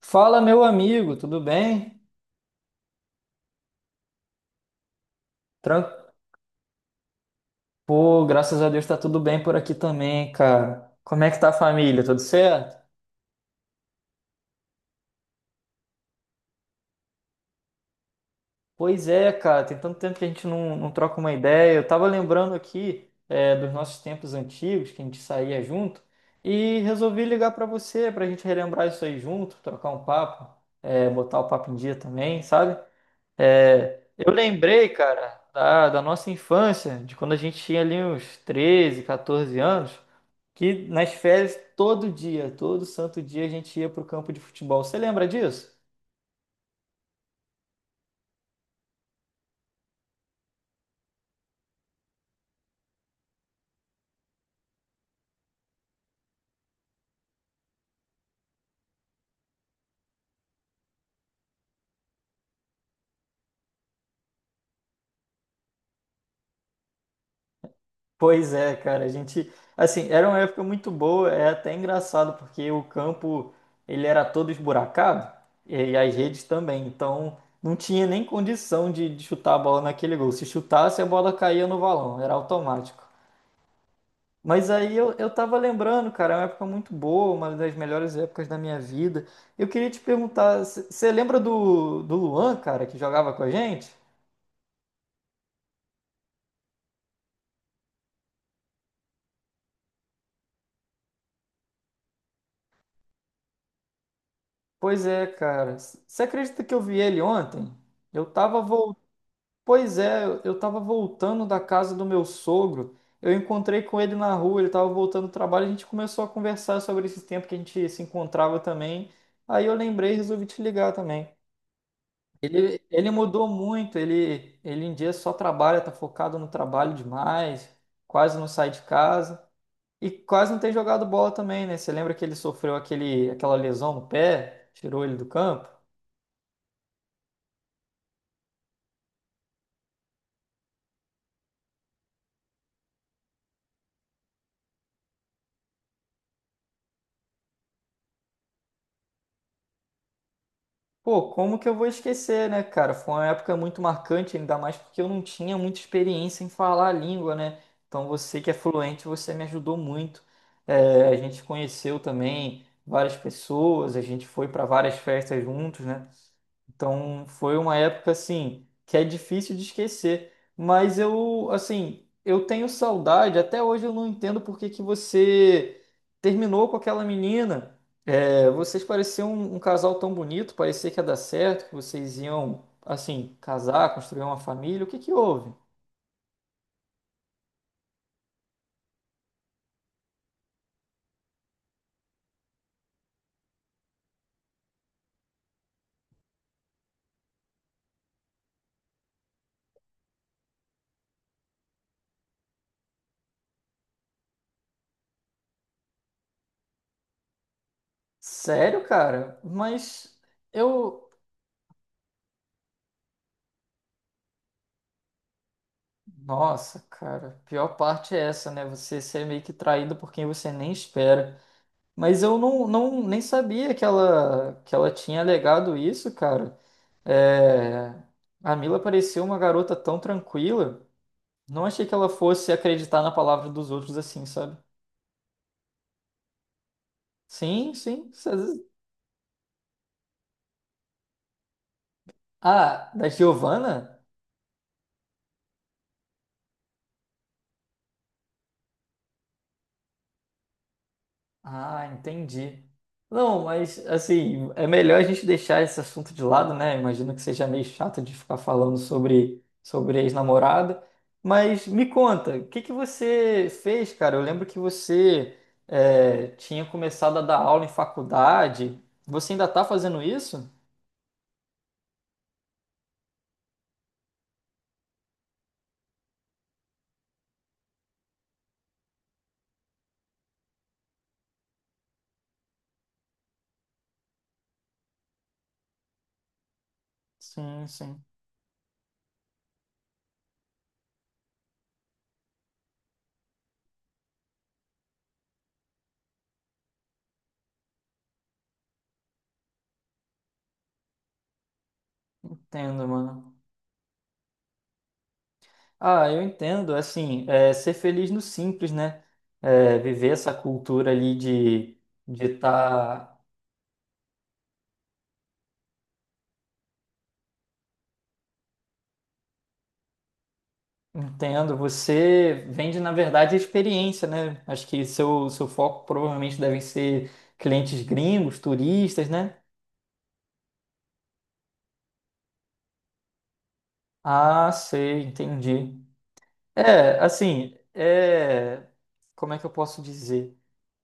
Fala, meu amigo, tudo bem? Tran... Pô, graças a Deus tá tudo bem por aqui também, cara. Como é que tá a família? Tudo certo? Pois é, cara, tem tanto tempo que a gente não troca uma ideia. Eu tava lembrando aqui, dos nossos tempos antigos, que a gente saía junto, e resolvi ligar pra você, pra gente relembrar isso aí junto, trocar um papo, botar o papo em dia também, sabe? Eu lembrei, cara, da nossa infância, de quando a gente tinha ali uns 13, 14 anos. Que nas férias, todo dia, todo santo dia, a gente ia pro campo de futebol. Você lembra disso? Pois é, cara, a gente, assim, era uma época muito boa, é até engraçado, porque o campo, ele era todo esburacado, e as redes também, então não tinha nem condição de chutar a bola naquele gol. Se chutasse, a bola caía no valão, era automático. Mas aí eu tava lembrando, cara, é uma época muito boa, uma das melhores épocas da minha vida. Eu queria te perguntar, você lembra do Luan, cara, que jogava com a gente? Pois é, cara. Você acredita que eu vi ele ontem? Eu tava vol... Pois é, eu tava voltando da casa do meu sogro. Eu encontrei com ele na rua, ele tava voltando do trabalho, a gente começou a conversar sobre esse tempo que a gente se encontrava também. Aí eu lembrei e resolvi te ligar também. Ele mudou muito, ele em dia só trabalha, tá focado no trabalho demais, quase não sai de casa e quase não tem jogado bola também, né? Você lembra que ele sofreu aquela lesão no pé, tirou ele do campo? Pô, como que eu vou esquecer, né, cara? Foi uma época muito marcante, ainda mais porque eu não tinha muita experiência em falar a língua, né? Então você que é fluente, você me ajudou muito. A gente conheceu também várias pessoas, a gente foi para várias festas juntos, né? Então foi uma época assim que é difícil de esquecer, mas eu assim, eu tenho saudade, até hoje eu não entendo por que que você terminou com aquela menina. Vocês pareciam um casal tão bonito, parecia que ia dar certo, que vocês iam assim casar, construir uma família. O que que houve? Sério, cara? Mas eu Nossa, cara, a pior parte é essa, né? Você ser meio que traído por quem você nem espera. Mas eu não, não nem sabia que ela tinha alegado isso, cara. É, a Mila parecia uma garota tão tranquila. Não achei que ela fosse acreditar na palavra dos outros assim, sabe? Sim, sim. Ah, da Giovanna? Ah, entendi. Não, mas assim, é melhor a gente deixar esse assunto de lado, né? Imagino que seja meio chato de ficar falando sobre ex-namorada. Mas me conta, o que que você fez, cara? Eu lembro que você tinha começado a dar aula em faculdade. Você ainda tá fazendo isso? Sim, sim. Entendo, mano. Ah, eu entendo. Assim, ser feliz no simples, né? Viver essa cultura ali de estar. Entendo. Você vende, na verdade, a experiência, né? Acho que seu foco provavelmente devem ser clientes gringos, turistas, né? Ah, sei, entendi. Assim, como é que eu posso dizer?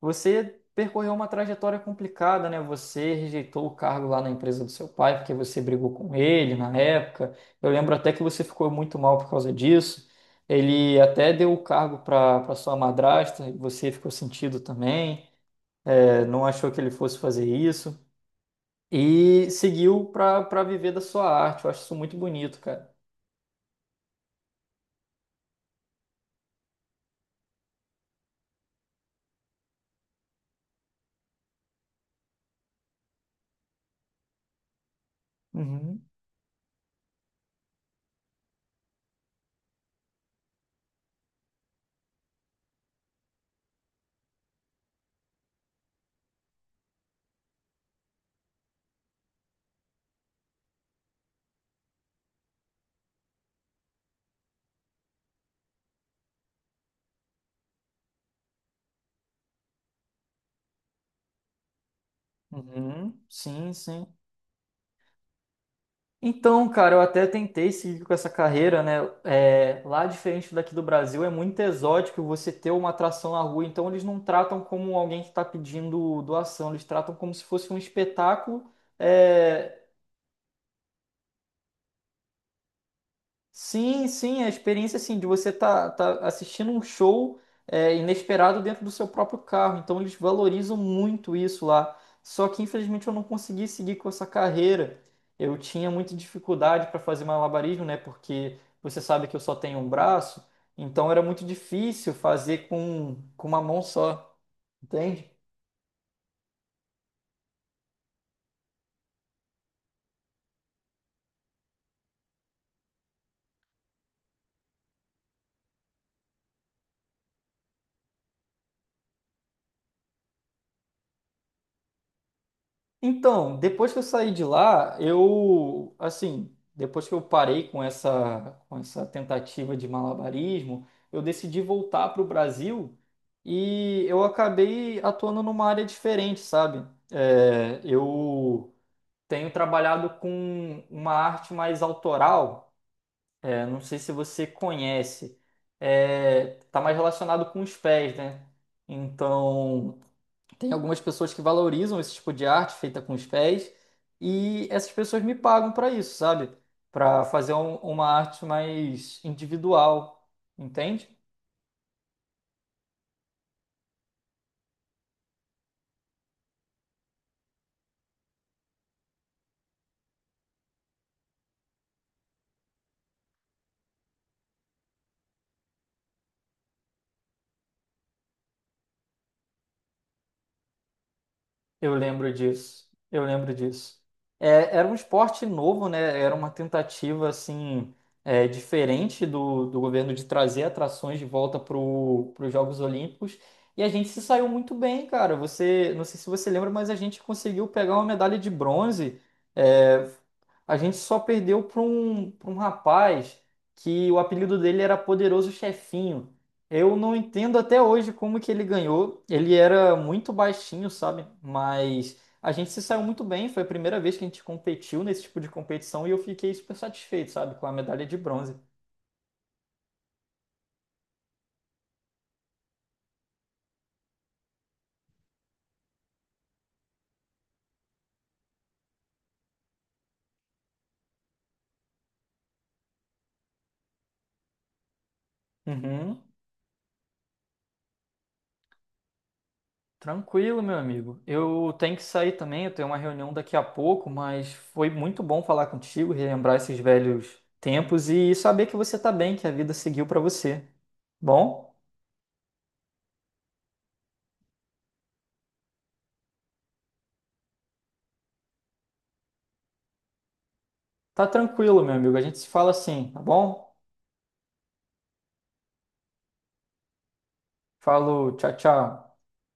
Você percorreu uma trajetória complicada, né? Você rejeitou o cargo lá na empresa do seu pai porque você brigou com ele na época. Eu lembro até que você ficou muito mal por causa disso. Ele até deu o cargo para sua madrasta e você ficou sentido também. Não achou que ele fosse fazer isso e seguiu para viver da sua arte. Eu acho isso muito bonito, cara. Uhum, uhum, sim, sim. Então, cara, eu até tentei seguir com essa carreira, né? Lá, diferente daqui do Brasil, é muito exótico você ter uma atração na rua. Então, eles não tratam como alguém que está pedindo doação, eles tratam como se fosse um espetáculo. é, Sim, sim, a experiência assim de você tá, tá assistindo um show inesperado dentro do seu próprio carro. Então eles valorizam muito isso lá. Só que infelizmente eu não consegui seguir com essa carreira. Eu tinha muita dificuldade para fazer malabarismo, né? Porque você sabe que eu só tenho um braço, então era muito difícil fazer com uma mão só, entende? Então, depois que eu saí de lá, eu, assim, depois que eu parei com essa, tentativa de malabarismo, eu decidi voltar para o Brasil e eu acabei atuando numa área diferente, sabe? Eu tenho trabalhado com uma arte mais autoral, não sei se você conhece, tá mais relacionado com os pés, né? Então. Tem algumas pessoas que valorizam esse tipo de arte feita com os pés e essas pessoas me pagam para isso, sabe? Para fazer uma arte mais individual, entende? Eu lembro disso. Eu lembro disso. Era um esporte novo, né? Era uma tentativa assim diferente do governo de trazer atrações de volta para os Jogos Olímpicos. E a gente se saiu muito bem, cara. Você, não sei se você lembra, mas a gente conseguiu pegar uma medalha de bronze. É, a gente só perdeu para um rapaz que o apelido dele era Poderoso Chefinho. Eu não entendo até hoje como que ele ganhou. Ele era muito baixinho, sabe? Mas a gente se saiu muito bem. Foi a primeira vez que a gente competiu nesse tipo de competição e eu fiquei super satisfeito, sabe? Com a medalha de bronze. Uhum. Tranquilo, meu amigo. Eu tenho que sair também. Eu tenho uma reunião daqui a pouco, mas foi muito bom falar contigo, relembrar esses velhos tempos e saber que você tá bem, que a vida seguiu pra você. Bom? Tá tranquilo, meu amigo. A gente se fala assim, tá bom? Falou, tchau, tchau.